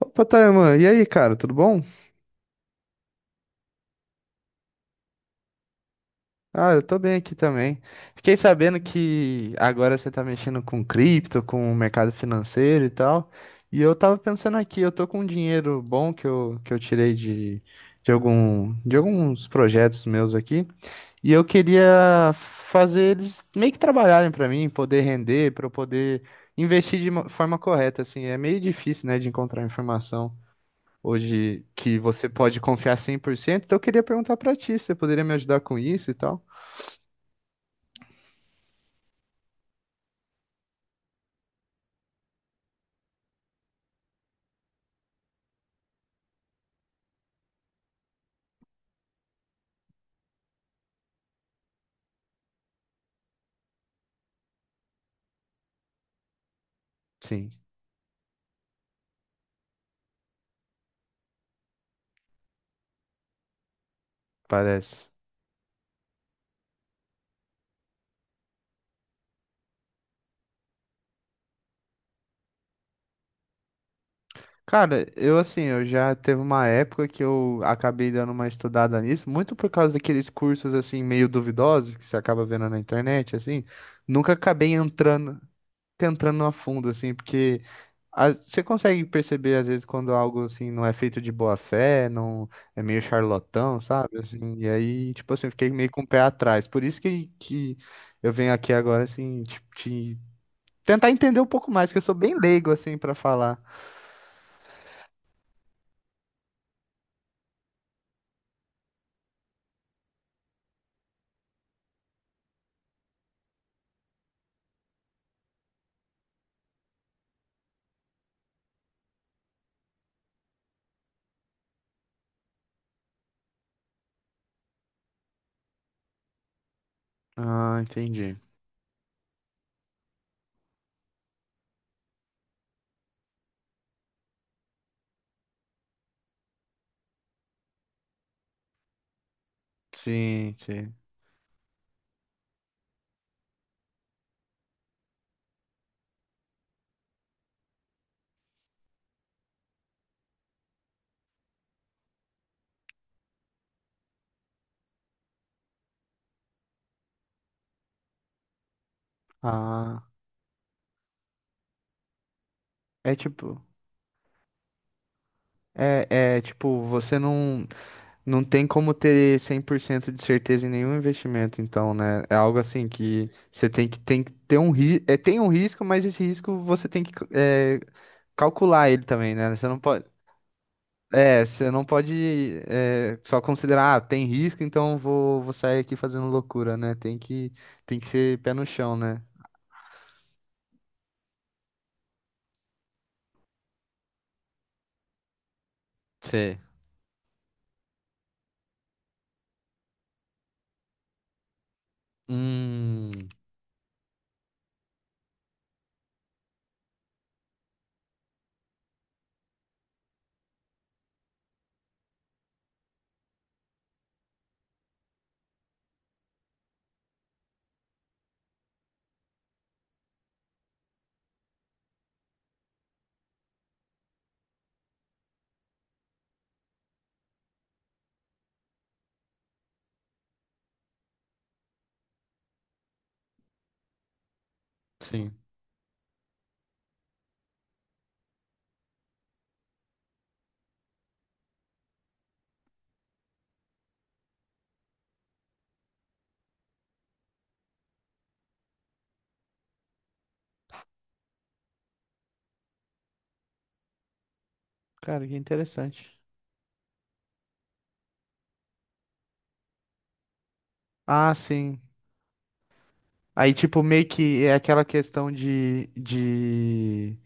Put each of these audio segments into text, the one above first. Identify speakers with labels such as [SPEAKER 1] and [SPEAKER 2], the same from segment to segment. [SPEAKER 1] Opa, Tayman, e aí, cara, tudo bom? Ah, eu tô bem aqui também. Fiquei sabendo que agora você tá mexendo com cripto, com o mercado financeiro e tal. E eu tava pensando aqui, eu tô com um dinheiro bom que eu tirei de alguns projetos meus aqui. E eu queria fazer eles meio que trabalharem pra mim, poder render, pra eu poder investir de uma forma correta, assim. É meio difícil, né, de encontrar informação hoje, que você pode confiar 100%. Então eu queria perguntar pra ti, você poderia me ajudar com isso e tal? Sim, parece. Cara, eu assim, eu já teve uma época que eu acabei dando uma estudada nisso, muito por causa daqueles cursos assim meio duvidosos que você acaba vendo na internet, assim, nunca acabei entrando a fundo assim, porque você consegue perceber, às vezes, quando algo assim não é feito de boa fé, não é meio charlatão, sabe? Assim, e aí, tipo assim, eu fiquei meio com o pé atrás. Por isso que eu venho aqui agora, assim, tentar entender um pouco mais, que eu sou bem leigo, assim, pra falar. Ah, entendi. Sim, sim. Ah, é tipo. É tipo, você não. Não tem como ter 100% de certeza em nenhum investimento, então, né? É algo assim que você tem que ter um risco. É, tem um risco, mas esse risco você tem que calcular ele também, né? Você não pode. É, você não pode só considerar, ah, tem risco, então vou sair aqui fazendo loucura, né? Tem que ser pé no chão, né? Sei. Hum, sim. Cara, que interessante. Ah, sim. Aí, tipo, meio que é aquela questão de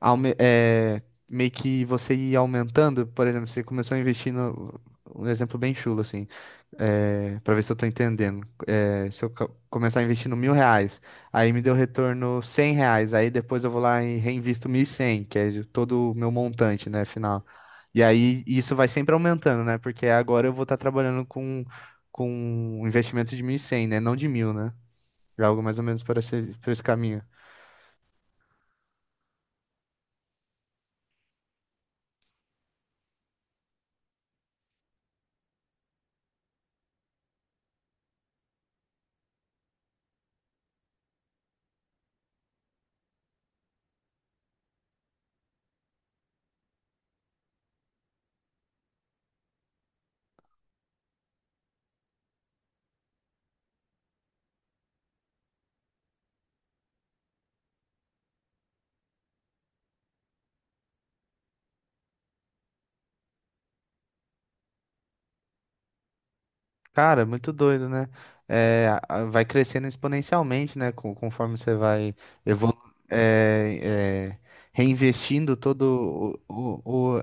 [SPEAKER 1] aume- é, meio que você ir aumentando, por exemplo, você começou a investir no, um exemplo bem chulo, assim, para ver se eu tô entendendo. É, se eu começar a investir 1.000 reais, aí me deu retorno 100 reais, aí depois eu vou lá e reinvisto 1.100, que é de todo o meu montante, né, final. E aí isso vai sempre aumentando, né, porque agora eu vou estar trabalhando com um investimento de 1.100, né, não de 1.000, né. É algo mais ou menos por esse caminho. Cara, muito doido, né? Vai crescendo exponencialmente, né? Conforme você vai evolu é, é, reinvestindo todo o, o, o,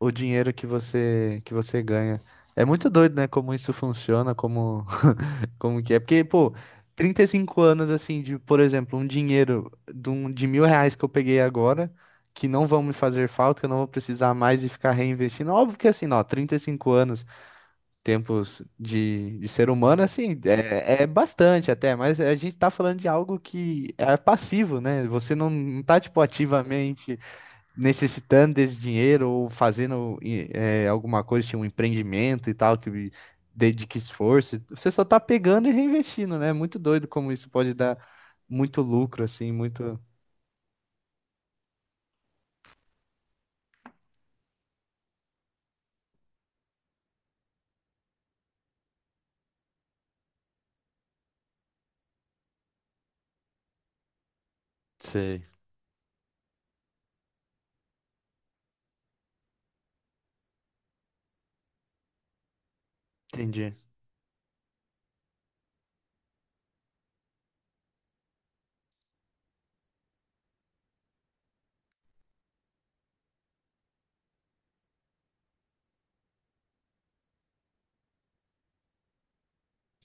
[SPEAKER 1] o dinheiro que você ganha. É muito doido, né? Como isso funciona, como que é. Porque, pô, 35 anos, assim, de, por exemplo, um dinheiro de 1.000 reais que eu peguei agora, que não vão me fazer falta, que eu não vou precisar mais e ficar reinvestindo. Óbvio que, assim, ó, 35 anos. Tempos de ser humano, assim, é bastante até, mas a gente tá falando de algo que é passivo, né? Você não tá, tipo, ativamente necessitando desse dinheiro ou fazendo alguma coisa, tipo, um empreendimento e tal, que dedique esforço. Você só tá pegando e reinvestindo, né? É muito doido como isso pode dar muito lucro, assim, muito... Sei, entendi.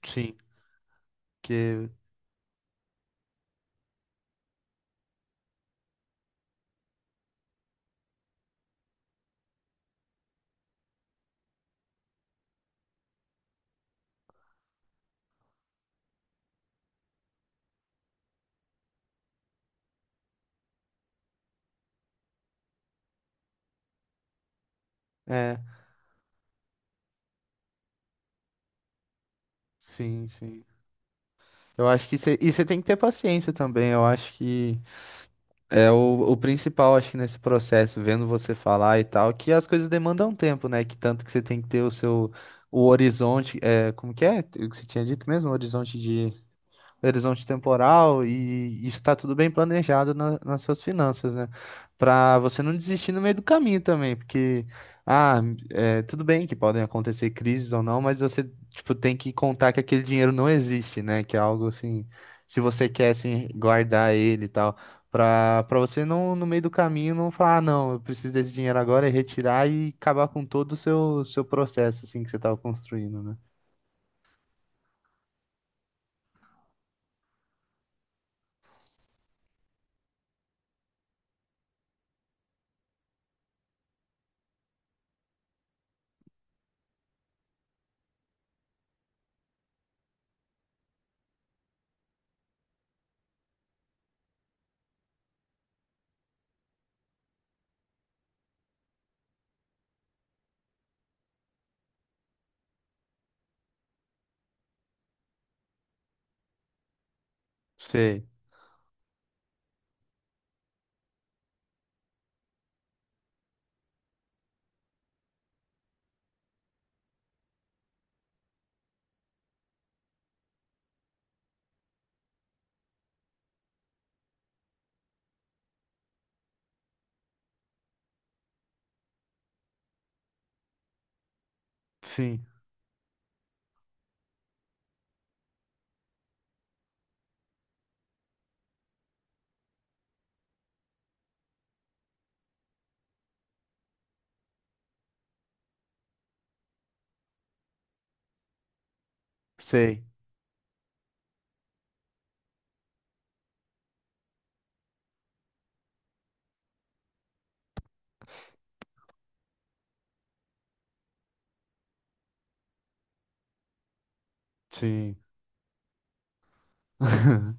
[SPEAKER 1] Sim, que... É, sim, sim. Eu acho que você... E você tem que ter paciência também, eu acho que... É o principal, acho que nesse processo, vendo você falar e tal, que as coisas demandam tempo, né? Que tanto que você tem que ter o seu o horizonte, como que é? O que você tinha dito mesmo? O horizonte temporal e está tudo bem planejado nas suas finanças, né? Para você não desistir no meio do caminho também, porque ah, é, tudo bem que podem acontecer crises ou não, mas você tipo tem que contar que aquele dinheiro não existe, né? Que é algo assim, se você quer assim guardar ele e tal, para você não no meio do caminho não falar, ah, não, eu preciso desse dinheiro agora e retirar e acabar com todo o seu processo assim que você estava construindo, né? Sei, sim, sei, sim.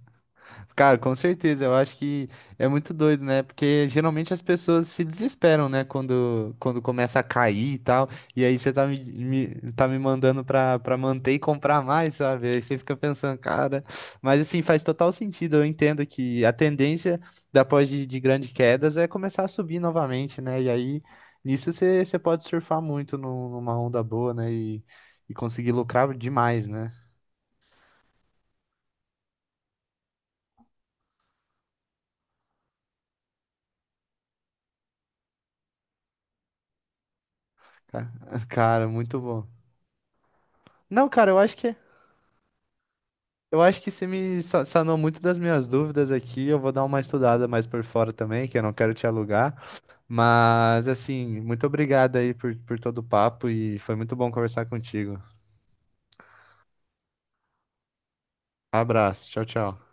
[SPEAKER 1] Cara, com certeza, eu acho que é muito doido, né? Porque geralmente as pessoas se desesperam, né? Quando começa a cair e tal. E aí você tá me mandando pra manter e comprar mais, sabe? Aí você fica pensando, cara. Mas assim, faz total sentido. Eu entendo que a tendência depois de grandes quedas é começar a subir novamente, né? E aí nisso você pode surfar muito numa onda boa, né? E conseguir lucrar demais, né? Ca- Cara, muito bom. Não, cara, eu acho que é. Eu acho que você me sanou muito das minhas dúvidas aqui. Eu vou dar uma estudada mais por fora também, que eu não quero te alugar. Mas, assim, muito obrigado aí por todo o papo e foi muito bom conversar contigo. Abraço, tchau, tchau.